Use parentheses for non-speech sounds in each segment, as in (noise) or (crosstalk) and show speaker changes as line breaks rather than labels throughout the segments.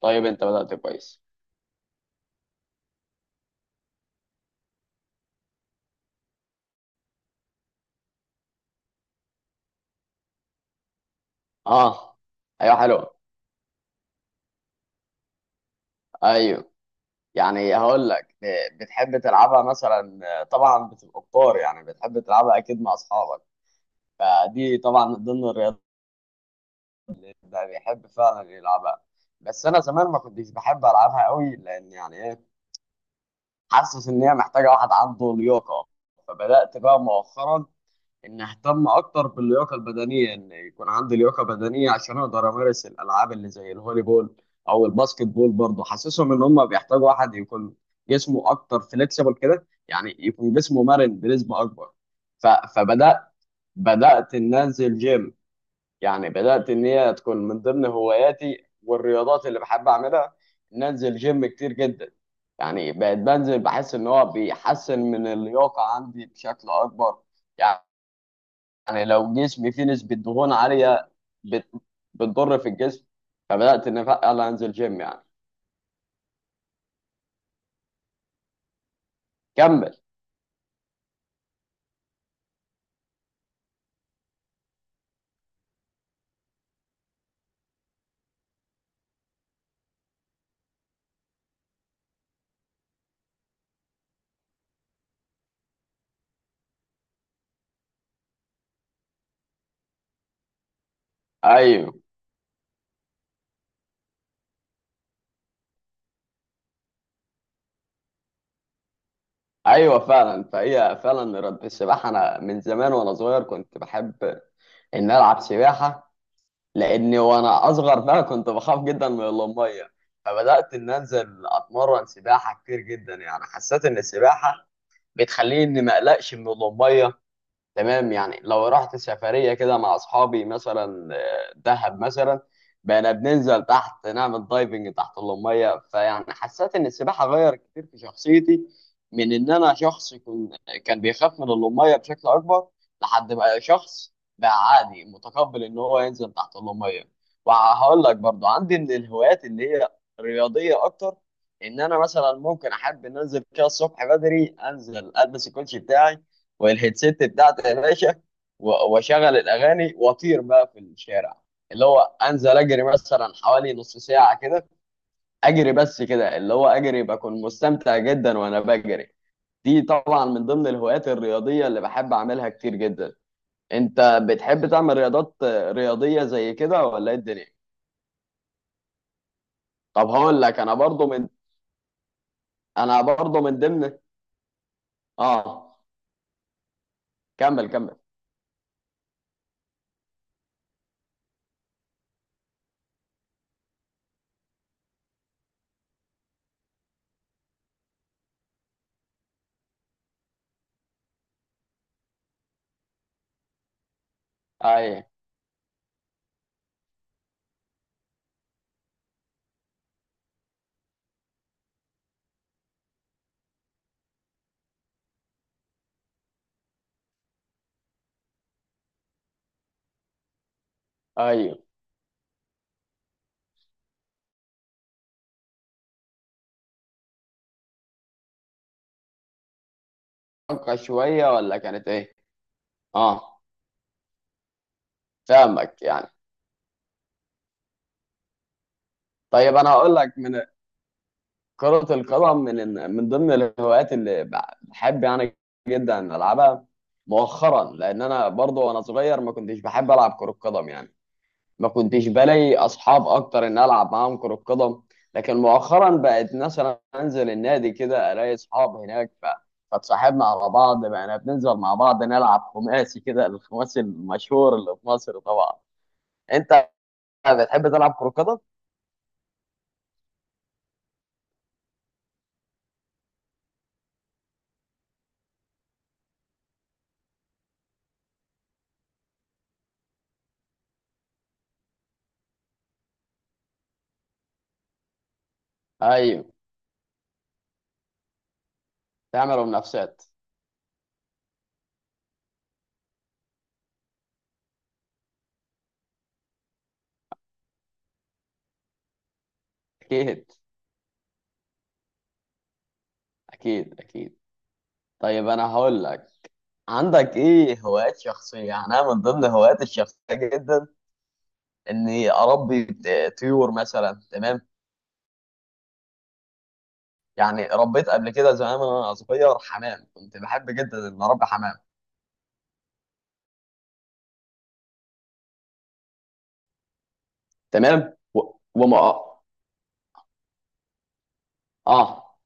طيب، انت بدأت كويس. اه. ايوه، حلو. ايوه. يعني هقول لك، بتحب تلعبها مثلا، طبعا بتبقى كتار، يعني بتحب تلعبها اكيد مع اصحابك. فدي طبعا من ضمن الرياضات اللي ده بيحب فعلا يلعبها. بس انا زمان ما كنتش بحب العبها قوي، لان يعني ايه، حاسس ان هي محتاجه واحد عنده لياقه. فبدأت بقى مؤخرا ان اهتم اكتر باللياقه البدنيه، ان يكون عندي لياقه بدنيه عشان اقدر امارس الالعاب اللي زي الهولي بول او الباسكت بول، برضه حاسسهم ان هم بيحتاجوا واحد يكون جسمه اكتر فليكسيبل كده، يعني يكون جسمه مرن بنسبه اكبر. فبدات، بدات ان انزل جيم، يعني بدات ان هي تكون من ضمن هواياتي والرياضات اللي بحب اعملها، ان انزل جيم كتير جدا. يعني بقيت بنزل بحس ان هو بيحسن من اللياقه عندي بشكل اكبر. يعني يعني لو جسمي فيه نسبة دهون عالية، بت... بتضر في الجسم. فبدأت إن فعلا أنزل جيم يعني. كمل. أيوه، أيوه، فعلا. فهي فعلا رب السباحة، أنا من زمان وأنا صغير كنت بحب إن ألعب سباحة، لأني وأنا أصغر بقى كنت بخاف جدا من المية. فبدأت إن أنزل أتمرن سباحة كتير جدا، يعني حسيت إن السباحة بتخليني إني ما أقلقش من المية. تمام، يعني لو رحت سفرية كده مع أصحابي مثلا، دهب مثلا، بقينا بننزل تحت نعمل دايفنج تحت المية، فيعني حسيت إن السباحة غير كتير في شخصيتي، من إن أنا شخص كان بيخاف من المية بشكل أكبر لحد بقى شخص بقى عادي متقبل إن هو ينزل تحت المية. وهقول لك برضو عندي من الهوايات اللي هي رياضية أكتر، إن أنا مثلا ممكن أحب إن أنزل كده الصبح بدري، أنزل ألبس الكوتشي بتاعي والهيدسيت بتاعتي يا باشا، واشغل الاغاني واطير بقى في الشارع، اللي هو انزل اجري مثلا حوالي نص ساعه كده. اجري بس كده، اللي هو اجري، بكون مستمتع جدا وانا بجري. دي طبعا من ضمن الهوايات الرياضيه اللي بحب اعملها كتير جدا. انت بتحب تعمل رياضات رياضيه زي كده، ولا ايه الدنيا؟ طب هقول لك، انا برضو من ضمن. اه، كمل كمل. ايوه، ايوه. أبقى شويه، ولا كانت ايه. اه، فاهمك يعني. طيب انا هقول لك، من كرة القدم، من ضمن الهوايات اللي بحب يعني جدا العبها مؤخرا، لان انا برضو وانا صغير ما كنتش بحب العب كرة قدم، يعني ما كنتش بلاقي اصحاب اكتر ان العب معاهم كرة قدم. لكن مؤخرا بقت مثلا انزل النادي كده الاقي اصحاب هناك، فتصاحبنا على بعض بقينا بننزل مع بعض نلعب خماسي كده، الخماسي المشهور اللي في مصر طبعا. انت بتحب تلعب كرة قدم؟ ايوه، تعملوا منافسات. اكيد، اكيد، اكيد. طيب انا هقول لك، عندك ايه هوايات شخصيه؟ يعني انا من ضمن هواياتي الشخصيه جدا اني اربي طيور مثلا، تمام. يعني ربيت قبل كده زمان وانا صغير حمام، كنت بحب جدا ان اربي حمام. تمام. وما. اه.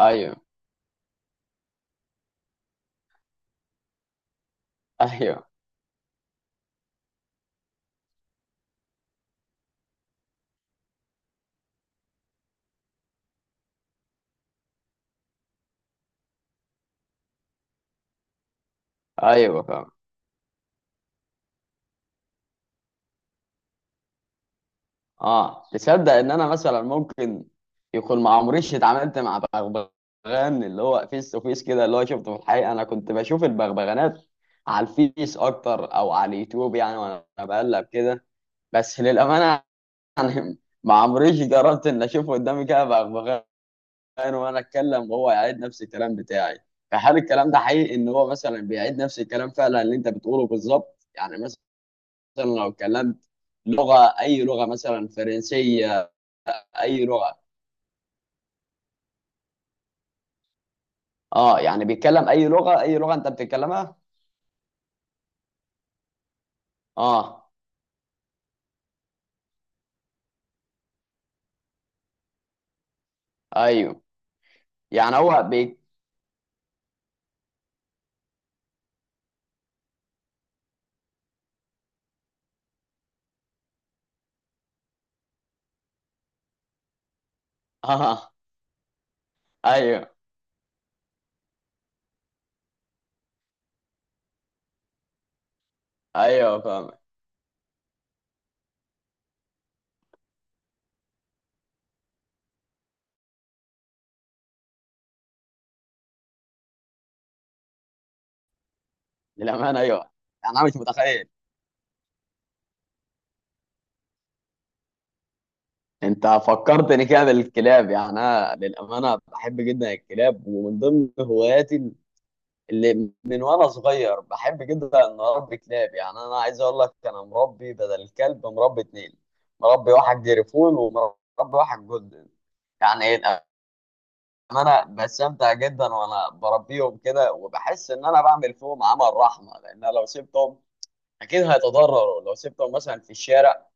ايوه، ايوه، ايوه. اه، تصدق ان انا مثلا ممكن يكون ما عمريش اتعاملت مع بغبغان اللي هو فيس تو فيس كده، اللي هو شفته في الحقيقه، انا كنت بشوف البغبغانات على الفيس اكتر او على اليوتيوب يعني وانا بقلب كده. بس للامانه ما عمريش جربت ان اشوف قدامي كده بغبغان وانا اتكلم وهو يعيد نفس الكلام بتاعي. فهل الكلام ده حقيقي، ان هو مثلا بيعيد نفس الكلام فعلا اللي انت بتقوله بالظبط يعني، مثلا لو اتكلمت لغه، اي لغه مثلا، فرنسيه، اي لغه؟ اه، يعني بيتكلم اي لغه، اي لغه انت بتتكلمها؟ اه، ايوه. يعني هو (laughs) اه، ايوه، ايوه، فاهم. للامانه، ايوه يعني، انا مش متخيل. انت فكرتني كده بالكلاب، يعني انا للامانه بحب جدا الكلاب، ومن ضمن هواياتي اللي من وانا صغير بحب جدا ان اربي كلاب. يعني انا عايز اقول لك، انا مربي بدل الكلب مربي اتنين، مربي واحد جريفون ومربي واحد جولدن. يعني ان انا بستمتع جدا وانا بربيهم كده، وبحس ان انا بعمل فيهم عمل رحمه، لان أنا لو سبتهم اكيد هيتضرروا، لو سبتهم مثلا في الشارع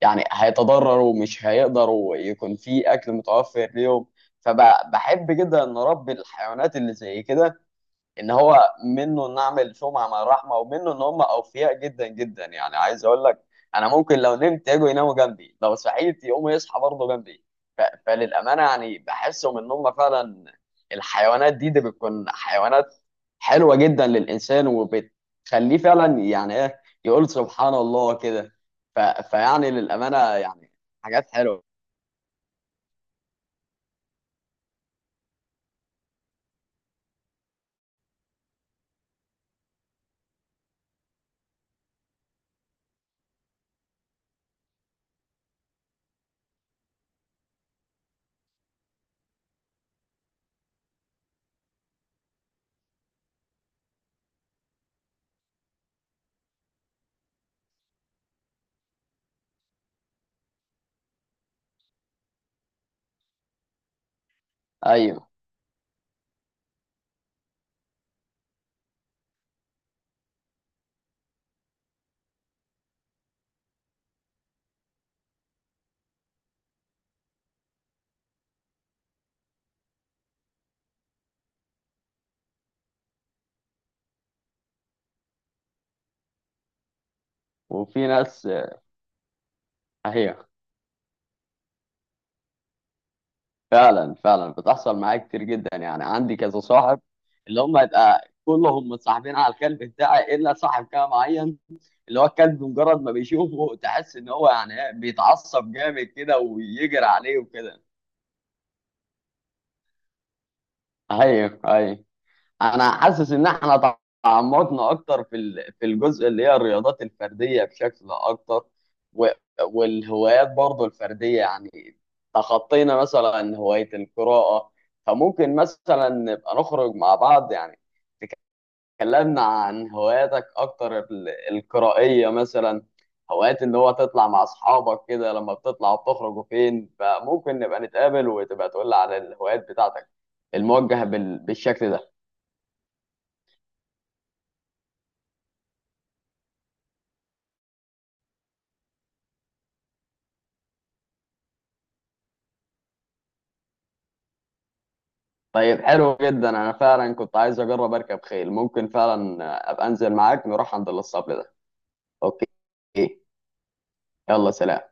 يعني هيتضرروا، مش هيقدروا يكون في اكل متوفر ليهم. فبحب جدا ان اربي الحيوانات اللي زي كده، ان هو منه نعمل شمعة مع الرحمة، ومنه ان هم اوفياء جدا جدا، يعني عايز اقول لك انا ممكن لو نمت يجوا يناموا جنبي، لو صحيت يقوموا يصحى برضه جنبي. فللأمانة يعني بحسهم ان هم فعلا الحيوانات دي بتكون حيوانات حلوة جدا للإنسان، وبتخليه فعلا يعني ايه يقول سبحان الله كده. ف... فيعني للأمانة يعني حاجات حلوة. ايوه. وفي ناس. اهي، فعلا فعلا بتحصل معايا كتير جدا، يعني عندي كذا صاحب اللي هم يبقى كلهم متصاحبين على الكلب بتاعي الا صاحب كده معين، اللي هو الكلب مجرد ما بيشوفه تحس ان هو يعني إيه، بيتعصب جامد كده ويجري عليه وكده. ايوه، ايوه. انا حاسس ان احنا تعمقنا اكتر في الجزء اللي هي الرياضات الفرديه بشكل اكتر، و- والهوايات برضو الفرديه، يعني تخطينا مثلا هوايه القراءه. فممكن مثلا نبقى نخرج مع بعض، يعني تكلمنا عن هواياتك اكتر القرائيه مثلا، هوايات اللي هو تطلع مع اصحابك كده، لما بتطلع بتخرجوا فين، فممكن نبقى نتقابل وتبقى تقول لي على الهوايات بتاعتك الموجهه بالشكل ده. طيب، حلو جدا، انا فعلا كنت عايز اجرب اركب خيل، ممكن فعلا ابقى انزل معاك نروح عند الاسطبل ده. اوكي. يلا، سلام.